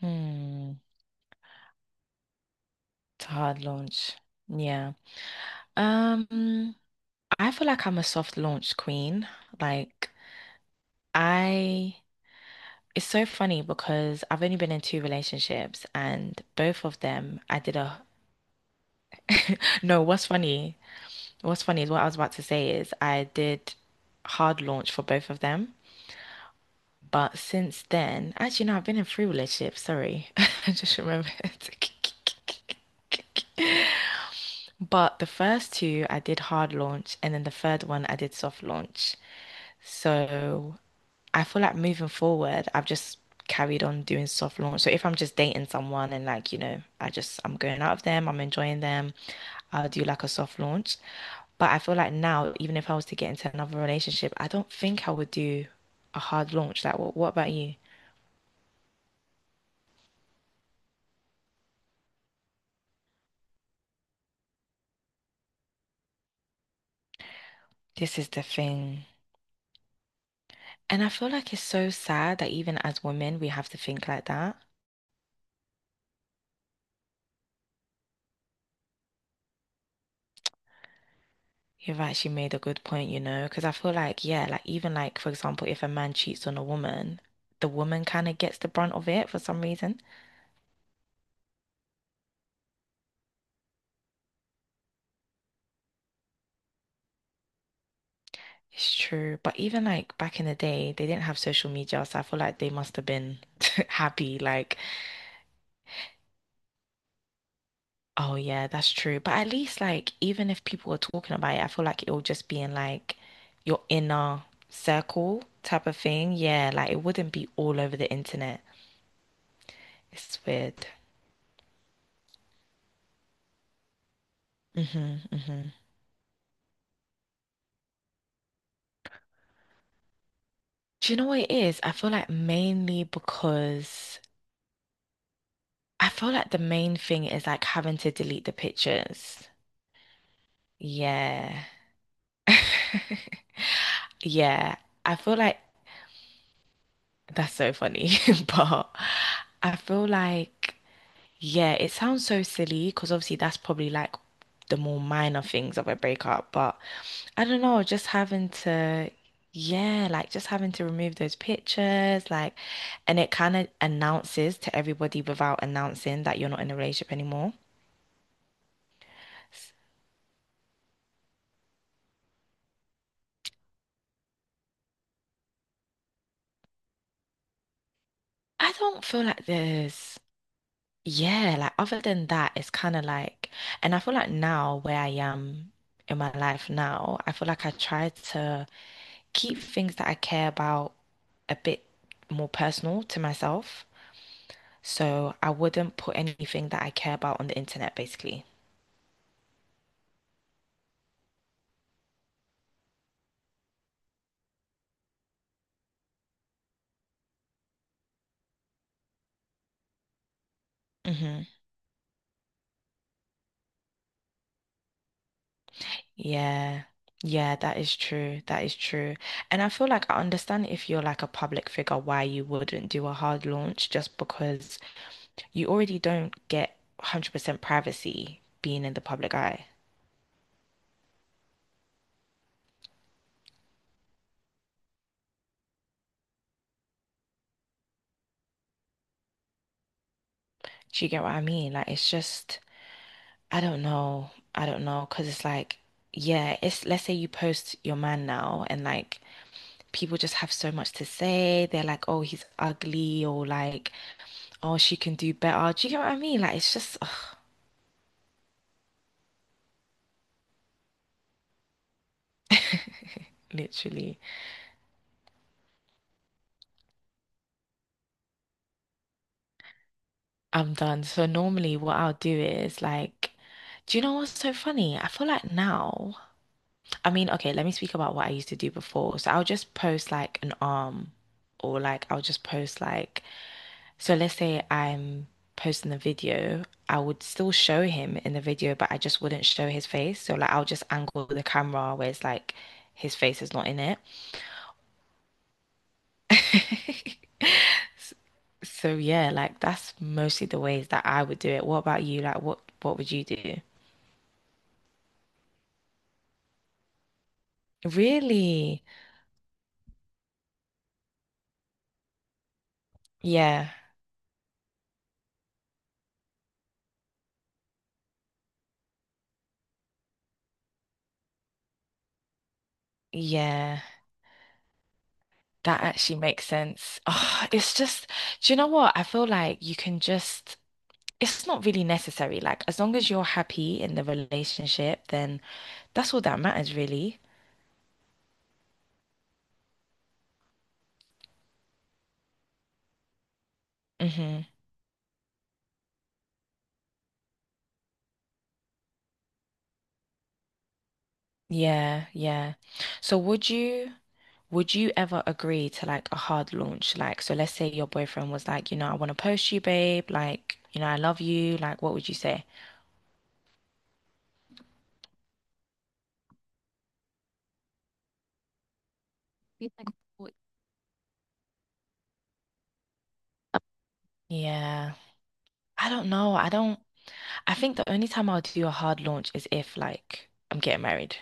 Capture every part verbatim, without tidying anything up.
Hmm. It's a hard launch. Yeah. Um, I feel like I'm a soft launch queen. Like I it's so funny because I've only been in two relationships and both of them I did a no, what's funny? What's funny is what I was about to say is I did hard launch for both of them. But since then, actually no, I've been in three relationships, sorry. I just remembered. But the first two I did hard launch, and then the third one I did soft launch. So I feel like moving forward, I've just carried on doing soft launch. So if I'm just dating someone and like, you know, I just I'm going out of them, I'm enjoying them, I'll do like a soft launch. But I feel like now, even if I was to get into another relationship, I don't think I would do a hard launch. Like, what, what about you? This is the thing. And I feel like it's so sad that even as women, we have to think like that. You've actually made a good point, you know, because I feel like, yeah, like even like, for example, if a man cheats on a woman, the woman kind of gets the brunt of it for some reason. It's true. But even like back in the day, they didn't have social media, so I feel like they must have been happy, like, oh yeah, that's true. But at least like even if people were talking about it, I feel like it will just be in like your inner circle type of thing. Yeah, like it wouldn't be all over the internet. It's weird. hmm hmm Do you know what it is? I feel like mainly because I feel like the main thing is like having to delete the pictures. Yeah. Yeah. I feel like that's so funny, but I feel like, yeah, it sounds so silly because obviously that's probably like the more minor things of a breakup, but I don't know, just having to, yeah, like just having to remove those pictures, like, and it kind of announces to everybody without announcing that you're not in a relationship anymore. I I don't feel like there's, yeah, like other than that, it's kind of like, and I feel like now where I am in my life now, I feel like I try to keep things that I care about a bit more personal to myself. So I wouldn't put anything that I care about on the internet, basically. hmm Yeah. Yeah, that is true. That is true. And I feel like I understand if you're like a public figure why you wouldn't do a hard launch just because you already don't get one hundred percent privacy being in the public eye. Do you get what I mean? Like it's just I don't know. I don't know know, cause it's like yeah, it's let's say you post your man now and like people just have so much to say. They're like, "Oh, he's ugly," or like, "Oh, she can do better." Do you get what I mean? Like it's just literally I'm done. So normally what I'll do is like, do you know what's so funny? I feel like now, I mean, okay, let me speak about what I used to do before. So I'll just post like an arm or like I'll just post like, so let's say I'm posting a video, I would still show him in the video, but I just wouldn't show his face. So like I'll just angle the camera where it's like his face is not in it. So yeah, like that's mostly the ways that I would do it. What about you? Like what what would you do? Really? Yeah. Yeah. That actually makes sense. Oh, it's just, do you know what? I feel like you can just, it's not really necessary. Like, as long as you're happy in the relationship, then that's all that matters, really. Mm-hmm. Yeah, yeah. So would you would you ever agree to like a hard launch? Like, so let's say your boyfriend was like, you know, I want to post you, babe. Like, you know, I love you. Like, what would you say? Yeah. I don't know. I don't. I think the only time I'll do a hard launch is if like I'm getting married.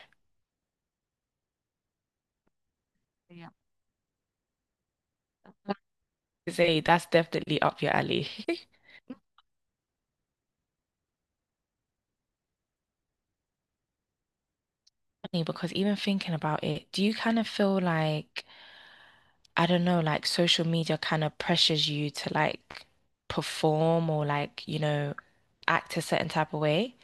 Yeah. Say that's definitely up your alley. Funny, because even thinking about it, do you kind of feel like, I don't know, like social media kind of pressures you to like perform or like, you know, act a certain type of way?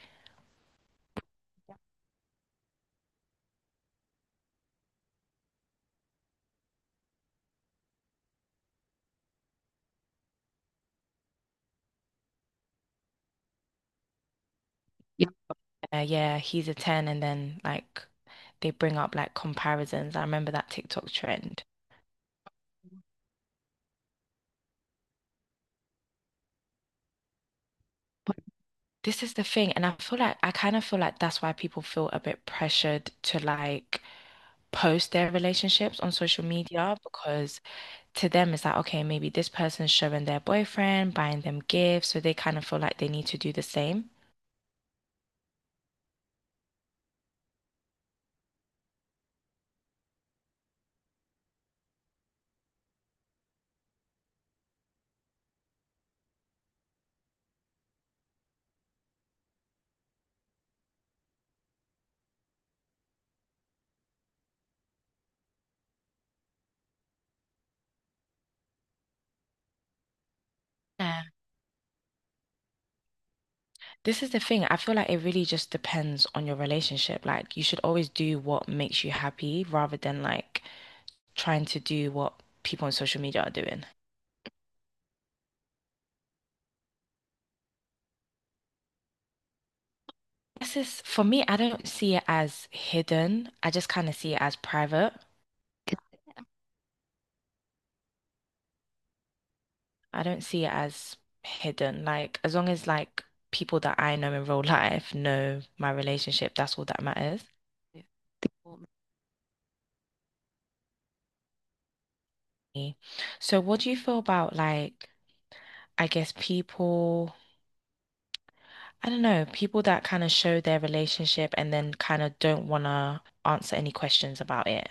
Yeah. Uh, yeah, he's a ten and then like they bring up like comparisons. I remember that TikTok trend. This is the thing, and I feel like I kind of feel like that's why people feel a bit pressured to like post their relationships on social media because to them it's like, okay, maybe this person's showing their boyfriend, buying them gifts, so they kind of feel like they need to do the same. Yeah, this is the thing. I feel like it really just depends on your relationship. Like, you should always do what makes you happy rather than like trying to do what people on social media are doing. This is, for me, I don't see it as hidden. I just kind of see it as private. I don't see it as hidden. Like as long as like people that I know in real life know my relationship, that's all that matters. Me. So what do you feel about like I guess people, I don't know, people that kind of show their relationship and then kind of don't want to answer any questions about it.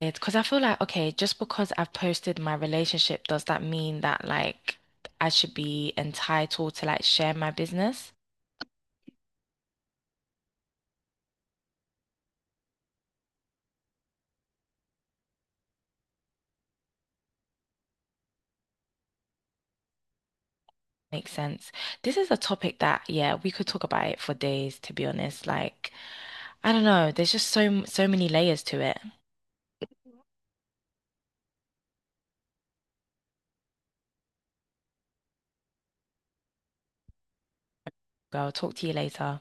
It's because I feel like, okay, just because I've posted my relationship, does that mean that like I should be entitled to like share my business? Makes sense. This is a topic that, yeah, we could talk about it for days, to be honest. Like, I don't know, there's just so so many layers to it. Girl, talk to you later.